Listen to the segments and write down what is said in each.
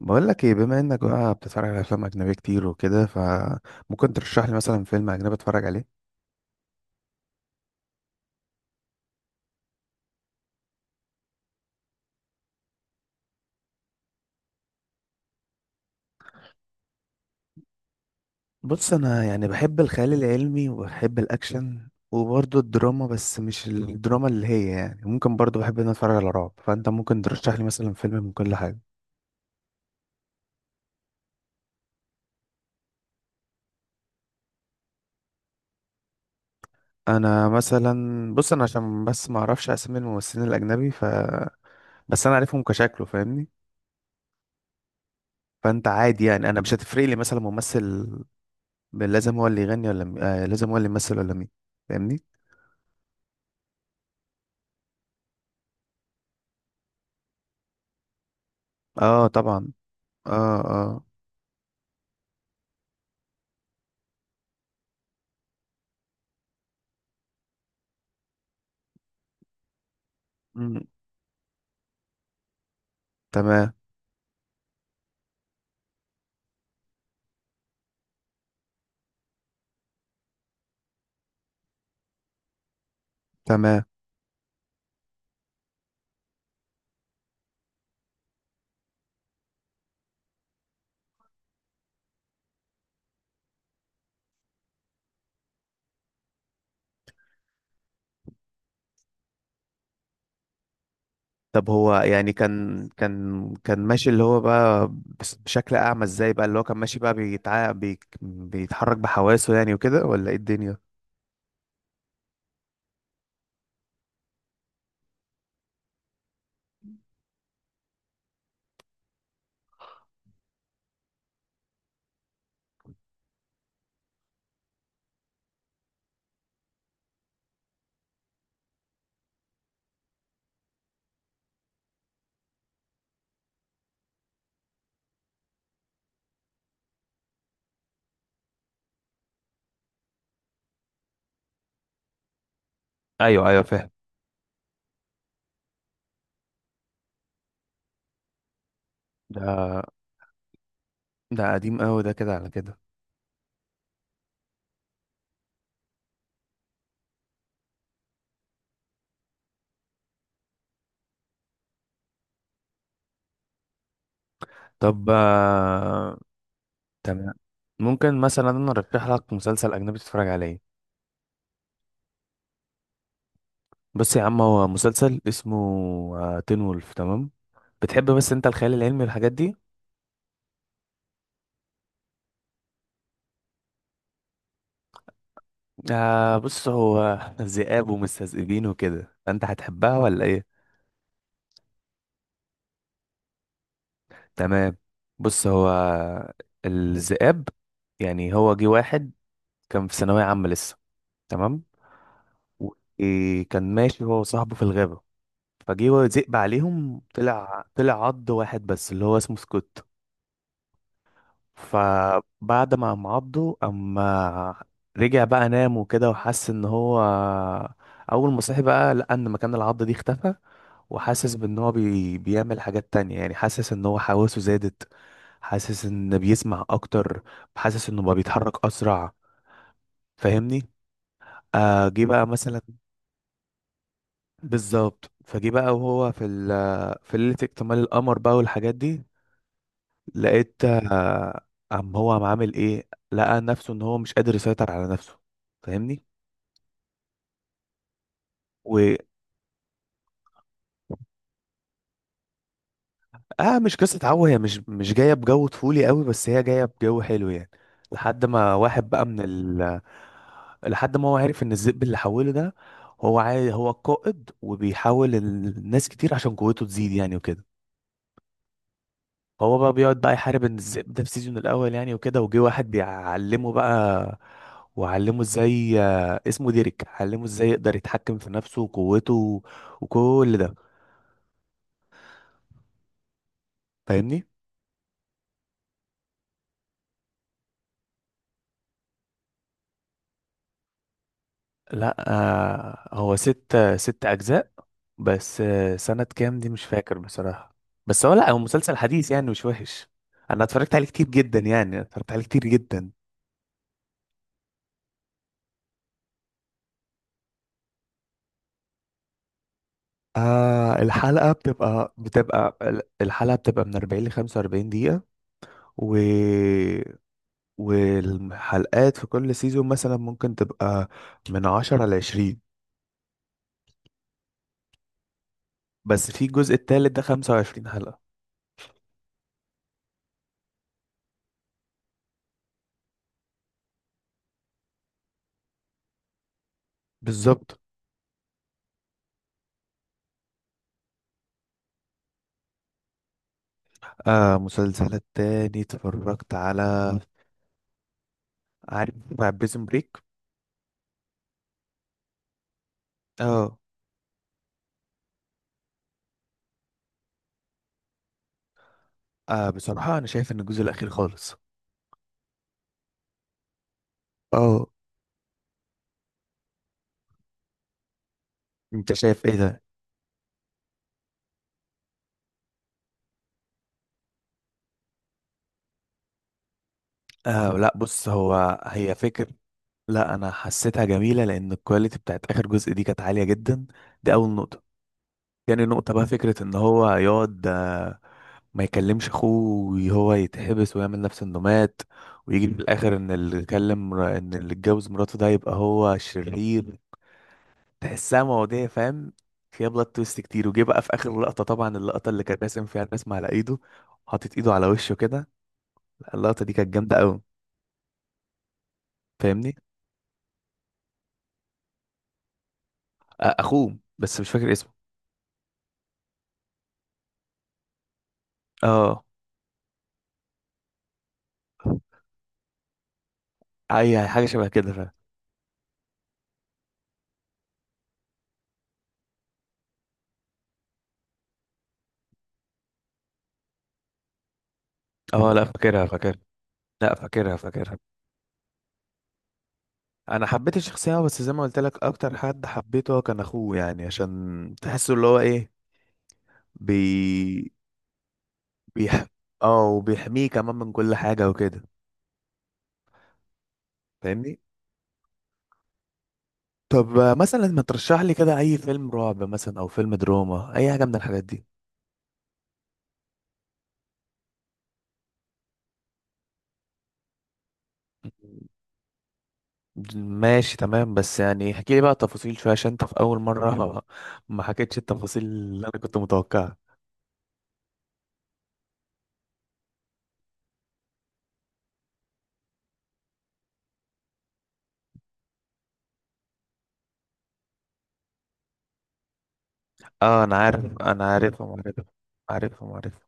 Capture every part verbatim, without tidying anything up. بقول لك ايه، بما انك بقى بتتفرج على افلام اجنبيه كتير وكده، فممكن ترشح لي مثلا فيلم اجنبي اتفرج عليه؟ بص، انا يعني بحب الخيال العلمي وبحب الاكشن وبرضه الدراما، بس مش الدراما اللي هي يعني ممكن، برضه بحب ان أنا اتفرج على رعب، فانت ممكن ترشح لي مثلا فيلم من كل حاجه. انا مثلا، بص انا عشان بس ما اعرفش اسامي الممثلين الاجنبي، ف... بس انا عارفهم كشكله، فاهمني؟ فانت عادي، يعني انا مش هتفرق لي مثلا ممثل لازم هو اللي يغني ولا م... آه لازم هو اللي يمثل ولا مين. فاهمني؟ اه طبعا. اه اه. مم. تمام. تمام. طب هو يعني كان كان كان ماشي، اللي هو بقى بس- بشكل اعمى ازاي بقى اللي هو كان ماشي بقى بيتع... بي... بيتحرك بحواسه، يعني وكده، ولا ايه الدنيا؟ ايوه ايوه، فاهم. ده ده قديم قوي ده، كده على كده. طب آه... تمام. ممكن مثلا انا ارشح لك مسلسل اجنبي تتفرج عليه؟ بص يا عم، هو مسلسل اسمه آه، تين وولف، تمام. بتحب بس انت الخيال العلمي والحاجات دي؟ آه بص، هو ذئاب ومستذئبين وكده، فانت هتحبها ولا ايه؟ تمام. بص هو الذئاب، يعني هو جه واحد كان في ثانوية عامة لسه، تمام. وكان ماشي هو وصاحبه في الغابة، فجه هو ذئب عليهم، طلع طلع عض واحد بس اللي هو اسمه سكوت. فبعد ما قام عضه، اما رجع بقى نام وكده وحس ان هو، اول ما صحي بقى، لقى ان مكان العض دي اختفى، وحاسس بان هو بي... بيعمل حاجات تانية، يعني حاسس ان هو حواسه زادت، حاسس ان بيسمع اكتر، حاسس انه بقى بيتحرك اسرع. فاهمني؟ آه جه بقى مثلا بالظبط، فجه بقى وهو في ال... في ليلة اكتمال القمر بقى والحاجات دي. لقيت. آه قام هو قام عامل ايه، لقى نفسه ان هو مش قادر يسيطر على نفسه. فاهمني؟ اه، مش قصة عو، هي مش مش جاية بجو طفولي قوي، بس هي جاية بجو حلو يعني. لحد ما واحد بقى من ال، لحد ما هو عارف ان الذئب اللي حوله ده هو عاي... هو القائد، وبيحاول الناس كتير عشان قوته تزيد، يعني وكده. هو بقى بيقعد بقى يحارب ان الذئب ده في سيزون الاول، يعني وكده. وجه واحد بيعلمه بقى، وعلمه ازاي، آه، اسمه ديريك، علمه ازاي يقدر يتحكم في نفسه وقوته وكل ده. فاهمني؟ لا، آه، هو ست ست اجزاء. بس آه، سنة كام دي مش فاكر بصراحة. بس هو لا، هو مسلسل حديث يعني، مش وحش. انا اتفرجت عليه كتير جدا، يعني اتفرجت عليه كتير جدا. آه الحلقة بتبقى بتبقى الحلقة بتبقى من أربعين ل خمسة وأربعين دقيقة، و... والحلقات في كل سيزون مثلا ممكن تبقى من عشرة ل عشرين. بس في الجزء التالت ده خمسة وعشرين حلقة. بالظبط. آه مسلسلات تاني اتفرجت على، عارف، مع بريزون بريك. اه. اه، بصراحة انا شايف ان الجزء الاخير خالص. اه. انت شايف ايه ده؟ اه لا، بص هو، هي فكر، لا انا حسيتها جميلة لان الكواليتي بتاعت اخر جزء دي كانت عالية جدا. دي اول نقطة. تاني نقطة بقى، فكرة ان هو يقعد، آه، ما يكلمش اخوه، وهو يتحبس، ويعمل نفس انه مات، ويجي في الاخر ان اللي كلم، ان اللي اتجوز مراته ده يبقى هو شرير. تحسها مواضيع، فاهم، فيها بلوت تويست كتير. وجه بقى في اخر لقطه طبعا، اللقطه اللي كان راسم فيها الرسم على ايده، حاطط ايده على وشه كده، لا، اللقطه دي كانت جامده قوي. فاهمني؟ آه، اخوه، بس مش فاكر اسمه. اه، اي حاجه شبه كده، فاهم. اه لا، فاكرها فاكرها. لا، فاكرها فاكرها. انا حبيت الشخصيه، بس زي ما قلت لك اكتر حد حبيته هو كان اخوه، يعني عشان تحسه اللي هو ايه بي بيح اه، وبيحميه كمان من كل حاجه وكده. فاهمني؟ طب آه، مثلا ما ترشح لي كده اي فيلم رعب مثلا او فيلم دراما، اي حاجه من الحاجات دي؟ ماشي تمام، بس يعني احكي لي بقى تفاصيل شويه، عشان انت في اول مره ما ما حكيتش التفاصيل اللي انا كنت متوقعها. اه انا عارف انا عارفهم عارفهم عارفهم عارفهم.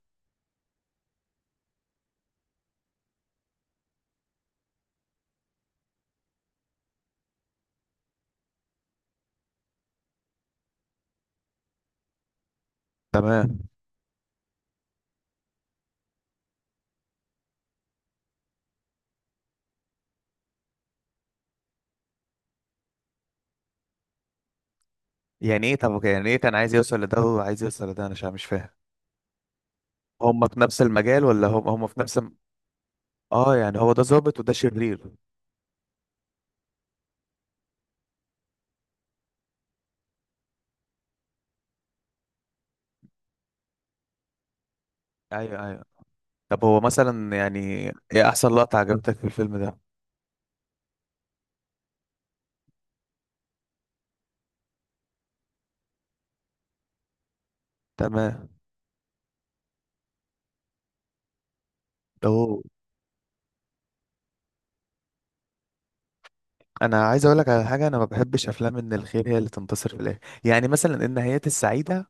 تمام. يعني ايه، طب يعني ايه كان عايز يوصل لده وعايز يوصل لده، انا مش مش فاهم. هم في نفس المجال، ولا هم هم في نفس الم-؟ اه يعني هو ده ظابط وده شرير. ايوه ايوه. طب هو مثلا يعني ايه احسن لقطه عجبتك في الفيلم ده؟ تمام. اوه. انا عايز اقول لك على حاجه، انا ما بحبش افلام ان الخير هي اللي تنتصر في الاخر، يعني مثلا النهايات السعيده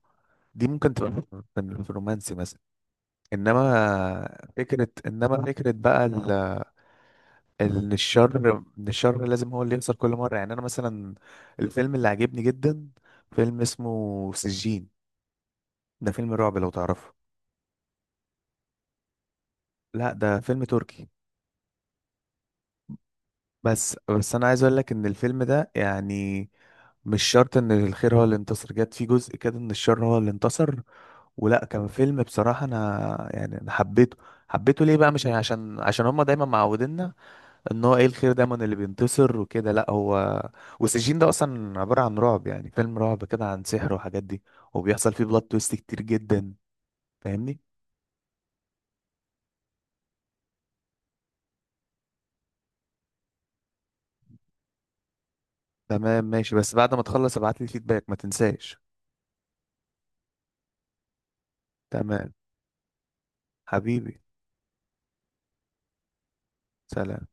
دي ممكن تبقى في ال- في الرومانسي مثلا، انما فكره انما فكره بقى ال-، ان الشر ان الشر لازم هو اللي يخسر كل مره. يعني انا مثلا، الفيلم اللي عجبني جدا، فيلم اسمه سجين. ده فيلم رعب، لو تعرفه. لا، ده فيلم تركي. بس بس انا عايز اقول لك ان الفيلم ده يعني مش شرط ان الخير هو اللي انتصر، جت في جزء كده ان الشر هو اللي انتصر. ولا كان فيلم، بصراحة أنا يعني أنا حبيته. حبيته ليه بقى؟ مش عشان عشان هما دايما معوديننا إن هو إيه الخير دايما اللي بينتصر وكده. لأ، هو والسجين ده أصلا عبارة عن رعب، يعني فيلم رعب كده عن سحر وحاجات دي، وبيحصل فيه بلوت تويست كتير جدا. فاهمني؟ تمام ماشي، بس بعد ما تخلص ابعتلي فيدباك ما تنساش. تمام. حبيبي. سلام.